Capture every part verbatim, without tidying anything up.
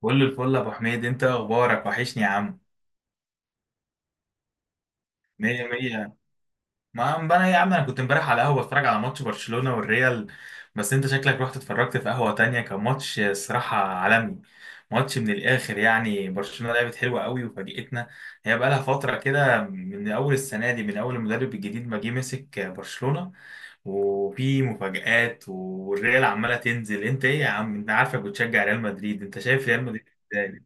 كل الفل يا ابو حميد، انت اخبارك وحشني يا عم. مية مية. ما عم انا يا عم، انا كنت امبارح على قهوه بتفرج على ماتش برشلونه والريال. بس انت شكلك رحت اتفرجت في قهوه تانية. كان ماتش الصراحه عالمي، ماتش من الاخر. يعني برشلونه لعبت حلوه قوي وفاجئتنا، هي بقى لها فتره كده من اول السنه دي، من اول المدرب الجديد ما جه مسك برشلونه وفي مفاجآت. والريال عماله تنزل. انت ايه يا عم، انت عارفك بتشجع ريال مدريد، انت شايف ريال مدريد ازاي؟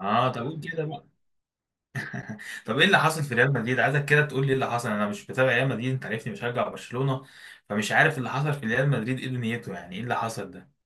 اه طب قول كده بقى. طب ايه اللي حصل في ريال مدريد؟ عايزك كده تقول لي ايه اللي حصل. انا مش بتابع ريال مدريد، انت عارفني بشجع برشلونة، فمش عارف اللي حصل في ريال مدريد ايه دنيته. يعني ايه اللي حصل ده؟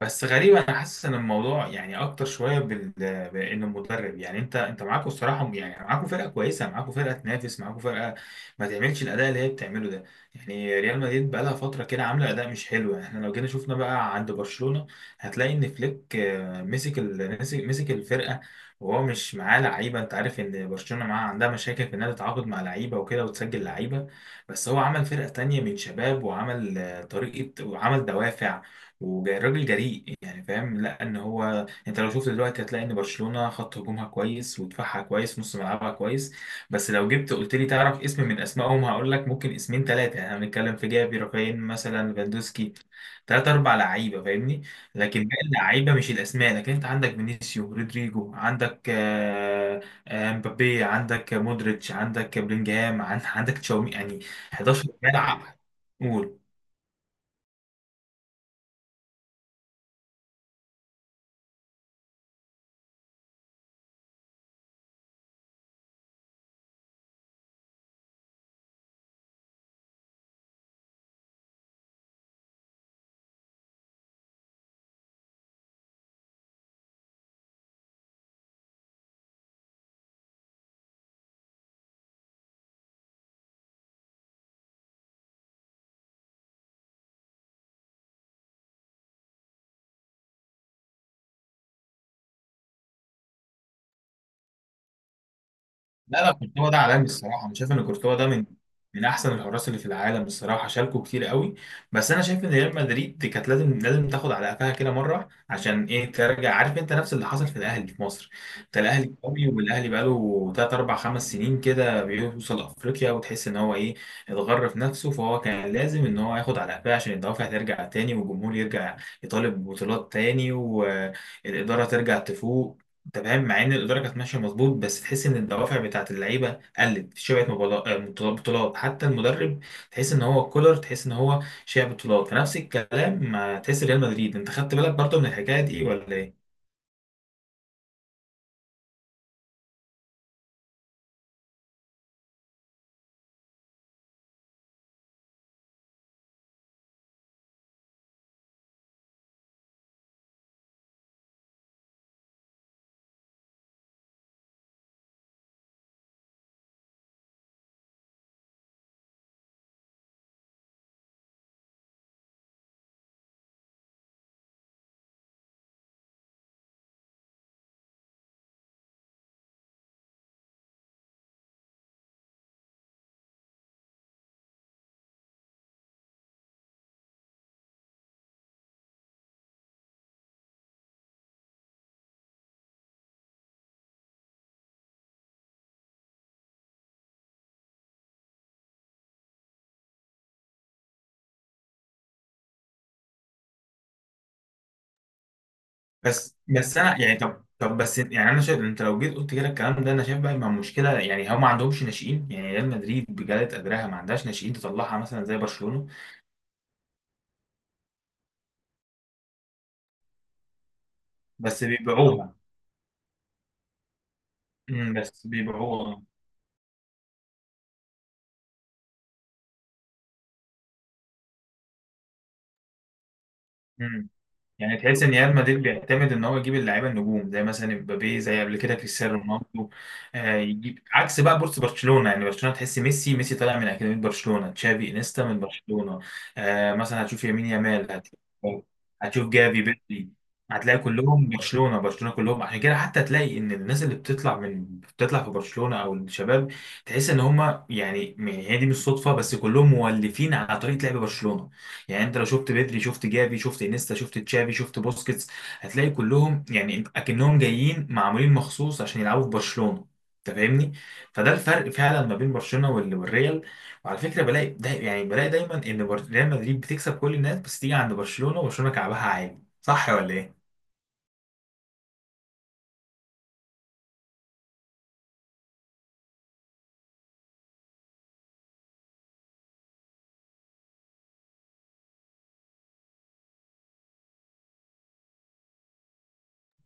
بس غريب، انا حاسس ان الموضوع يعني اكتر شويه بال... بان المدرب. يعني انت انت معاكوا الصراحه، يعني معاكوا فرقه كويسه، معاكوا فرقه تنافس، معاكوا فرقه ما تعملش الاداء اللي هي بتعمله ده. يعني ريال مدريد بقى لها فتره كده عامله اداء مش حلو. يعني احنا لو جينا شفنا بقى عند برشلونه، هتلاقي ان فليك آه، مسك ال... مسك مسك الفرقه، وهو مش معاه لعيبه. انت عارف ان برشلونه معاها عندها مشاكل في انها تتعاقد مع لعيبه وكده وتسجل لعيبه، بس هو عمل فرقه تانية من شباب، وعمل آه، طريقه، وعمل دوافع. وراجل جريء، يعني فاهم؟ لا، ان هو انت لو شفت دلوقتي، هتلاقي ان برشلونه خط هجومها كويس ودفاعها كويس نص ملعبها كويس. بس لو جبت قلت لي تعرف اسم من اسمائهم، هقول لك ممكن اسمين ثلاثه. يعني احنا بنتكلم في جافي، رافين مثلا، فاندوسكي، ثلاث اربع لعيبه، فاهمني؟ لكن باقي اللعيبه مش الاسماء. لكن انت عندك فينيسيو، رودريجو، عندك آه، آه، مبابي، عندك مودريتش، عندك بلينجهام، عن- عندك تشاومي، يعني حداشر ملعب. قول. لا لا، كورتوا ده عالمي الصراحه. انا شايف ان كورتوا ده من من احسن الحراس اللي في العالم الصراحه، شاركوا كتير قوي. بس انا شايف ان ريال مدريد كانت لازم لازم تاخد على قفاها كده مره، عشان ايه ترجع. عارف، انت نفس اللي حصل في الاهلي في مصر، انت الاهلي قوي، والاهلي بقاله ثلاث اربع خمس سنين كده بيوصل افريقيا، وتحس ان هو ايه، اتغر في نفسه، فهو كان لازم ان هو ياخد على قفاه، عشان الدوافع ترجع تاني، والجمهور يرجع يطالب ببطولات تاني، والاداره ترجع تفوق. انت فاهم؟ مع ان الاداره كانت ماشيه مظبوط، بس تحس ان الدوافع بتاعت اللعيبه قلت، في شبعت مبالا- آه، بطولات، حتى المدرب تحس ان هو كولر، تحس ان هو شبع بطولات، فنفس الكلام. مع تحس ريال مدريد، انت خدت بالك برضه من الحكايه دي ولا ايه؟ بس بس انا يعني طب طب بس يعني انا شايف، انت لو جيت قلت كده الكلام ده، انا شايف بقى مع مشكله، يعني هم ما عندهمش ناشئين. يعني ريال مدريد بجلاله قدرها ما عندهاش ناشئين تطلعها مثلا زي برشلونه. بس بيبيعوها. امم، بس بيبيعوها. يعني تحس ان ريال مدريد بيعتمد ان هو يجيب اللعيبه النجوم، زي مثلا امبابي، زي قبل كده كريستيانو رونالدو. آه، يجيب عكس بقى بورس برشلونه. يعني برشلونه تحس ميسي ميسي طالع من اكاديميه برشلونه، تشافي انيستا من برشلونه. آه، مثلا هتشوف يمين يامال، هت- هتشوف جافي بيدري. هتلاقي كلهم برشلونه برشلونه كلهم، عشان كده حتى تلاقي ان الناس اللي بتطلع من بتطلع في برشلونه او الشباب، تحس ان هم يعني هي دي مش صدفه، بس كلهم مولفين على طريقه لعب برشلونه. يعني انت لو شفت بدري، شفت جافي، شفت انيستا، شفت تشافي، شفت بوسكيتس، هتلاقي كلهم يعني اكنهم جايين معمولين مخصوص عشان يلعبوا في برشلونة. انت فاهمني؟ فده الفرق فعلا ما بين برشلونة وال- والريال. وعلى فكرة، بلاقي ده يعني بلاقي دايما ان بر- ريال مدريد بتكسب كل الناس، بس تيجي عند برشلونة وبرشلونة كعبها عالي، صح ولا ايه؟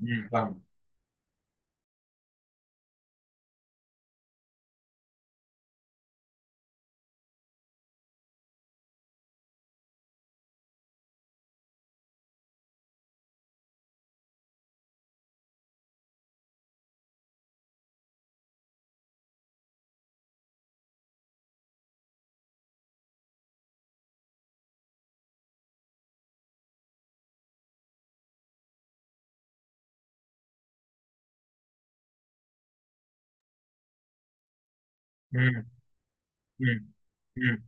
امم فاهم. امم امم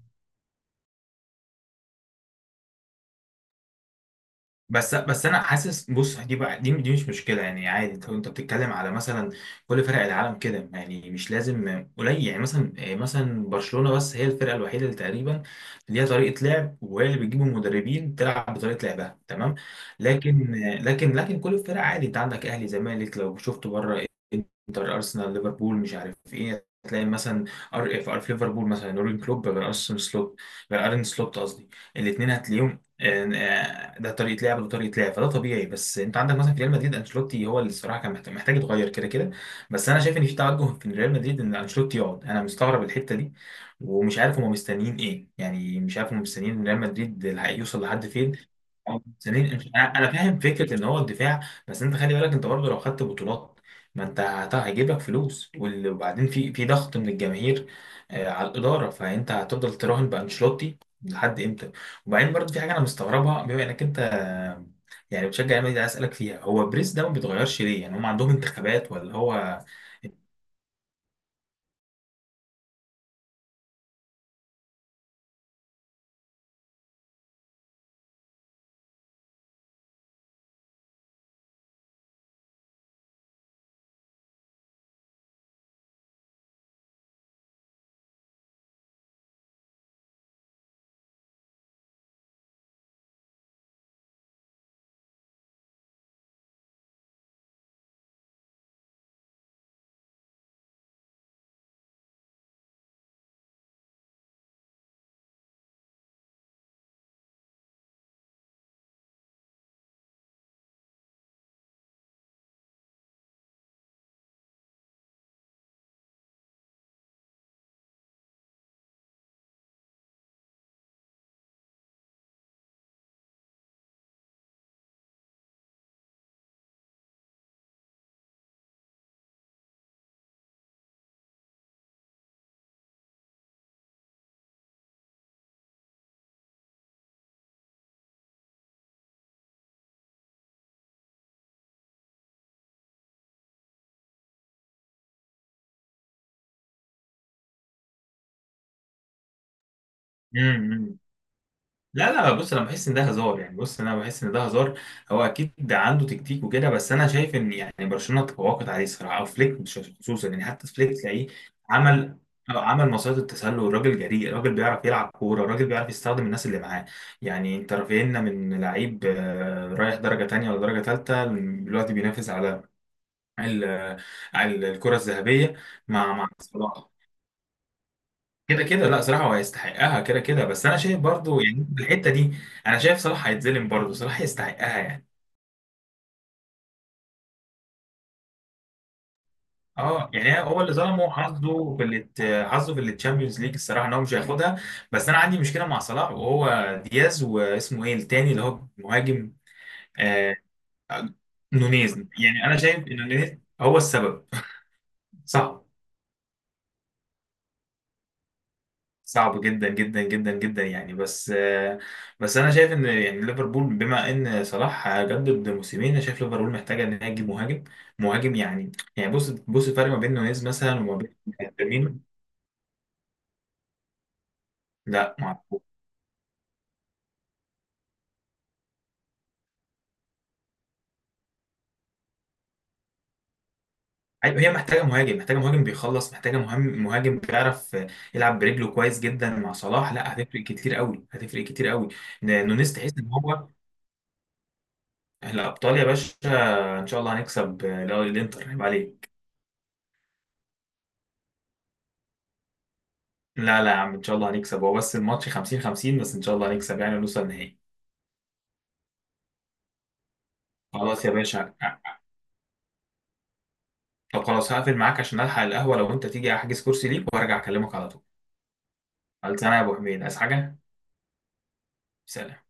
بس بس انا حاسس، بص دي بقى، دي, دي مش مشكله، يعني عادي. انت انت بتتكلم على مثلا كل فرق العالم كده، يعني مش لازم قليل، يعني مثلا آه، مثلا برشلونه بس هي الفرقه الوحيده اللي تقريبا ليها طريقه لعب، وهي اللي بتجيب المدربين تلعب بطريقه لعبها، تمام. لكن لكن لكن كل الفرق عادي، انت عندك اهلي، زمالك، لو شفت بره، انتر، ارسنال، ليفربول، مش عارف ايه، تلاقي مثلا ار في ار في ليفربول مثلا يورجن كلوب غير ارسن سلوت، غير ارن سلوت قصدي، الاثنين هتلاقيهم آه، ده طريقه لعب وده طريقه لعب، فده طبيعي. بس انت عندك مثلا في ريال مدريد، انشيلوتي هو اللي الصراحه كان محت- محتاج يتغير كده كده. بس انا شايف ان في توجه في ريال مدريد ان انشيلوتي يقعد، انا مستغرب الحته دي. ومش عارف هم مستنيين ايه، يعني مش عارف هم مستنيين ان ريال، مستنيين ريال مدريد الحق يوصل لحد فين، أو مستنيين أنش- انا. أنا فاهم فكره ان هو الدفاع. بس انت خلي بالك، انت برضه لو خدت بطولات، ما انت هت- هيجيب لك فلوس، وال- وبعدين في في ضغط من الجماهير آه، على الاداره، فانت هتفضل تراهن بانشيلوتي لحد امتى؟ وبعدين برضه في حاجه انا مستغربها، بما انك انت يعني بتشجع النادي، عايز اسالك فيها، هو بريس ده ما بيتغيرش ليه؟ يعني هم عندهم انتخابات ولا هو... امم لا لا، بص انا بحس ان ده هزار، يعني بص انا بحس ان ده هزار. هو اكيد ده عنده تكتيك وكده، بس انا شايف ان يعني برشلونه تفوقت عليه الصراحه، او فليك مش خصوصا، يعني حتى فليك تلاقيه عمل، أو عمل مصيدة التسلل. الراجل جريء، الراجل بيعرف يلعب كوره، الراجل بيعرف يستخدم الناس اللي معاه. يعني انت رافعنا من لعيب، آه، رايح درجه تانية ولا درجه تالتة. دلوقتي بينافس على ال- ال- الكرة الذهبية، مع مع صلاح. كده كده لا، صراحة هو هيستحقها كده كده، بس أنا شايف برضو يعني الحتة دي، أنا شايف صلاح هيتظلم، برضو صلاح يستحقها يعني. اه، يعني هو اللي ظلمه حظه في الات- حظه في التشامبيونز ليج، الصراحه ان هو مش هياخدها. بس انا عندي مشكله مع صلاح وهو دياز، واسمه ايه التاني اللي هو مهاجم؟ آه. آه، نونيز، يعني انا شايف ان نونيز هو السبب. صح. صعب جدا جدا جدا جدا، يعني بس بس انا شايف ان يعني ليفربول بما ان صلاح جدد موسمين، انا شايف ليفربول محتاجه ان هي تجيب مهاجم. مهاجم، يعني يعني بص بص الفرق ما بين نونيز مثلا وما بين فيرمينو. لا، معقول. أيوة، هي محتاجه مهاجم، محتاجه مهاجم بيخلص، محتاجه مهم مهاجم بيعرف يلعب برجله كويس جدا، مع صلاح لا هتفرق كتير قوي، هتفرق كتير قوي. نونيز تحس ان هو... الابطال يا باشا. ان شاء الله هنكسب الانتر، عيب عليك. لا لا يا عم، ان شاء الله هنكسب. هو بس الماتش خمسين خمسين، بس ان شاء الله هنكسب يعني ونوصل النهائي. خلاص يا باشا. طب خلاص هقفل معاك عشان الحق القهوة، لو انت تيجي احجز كرسي ليك وارجع اكلمك على طول. خلصانه يا ابو حميد. عايز حاجة؟ سلام.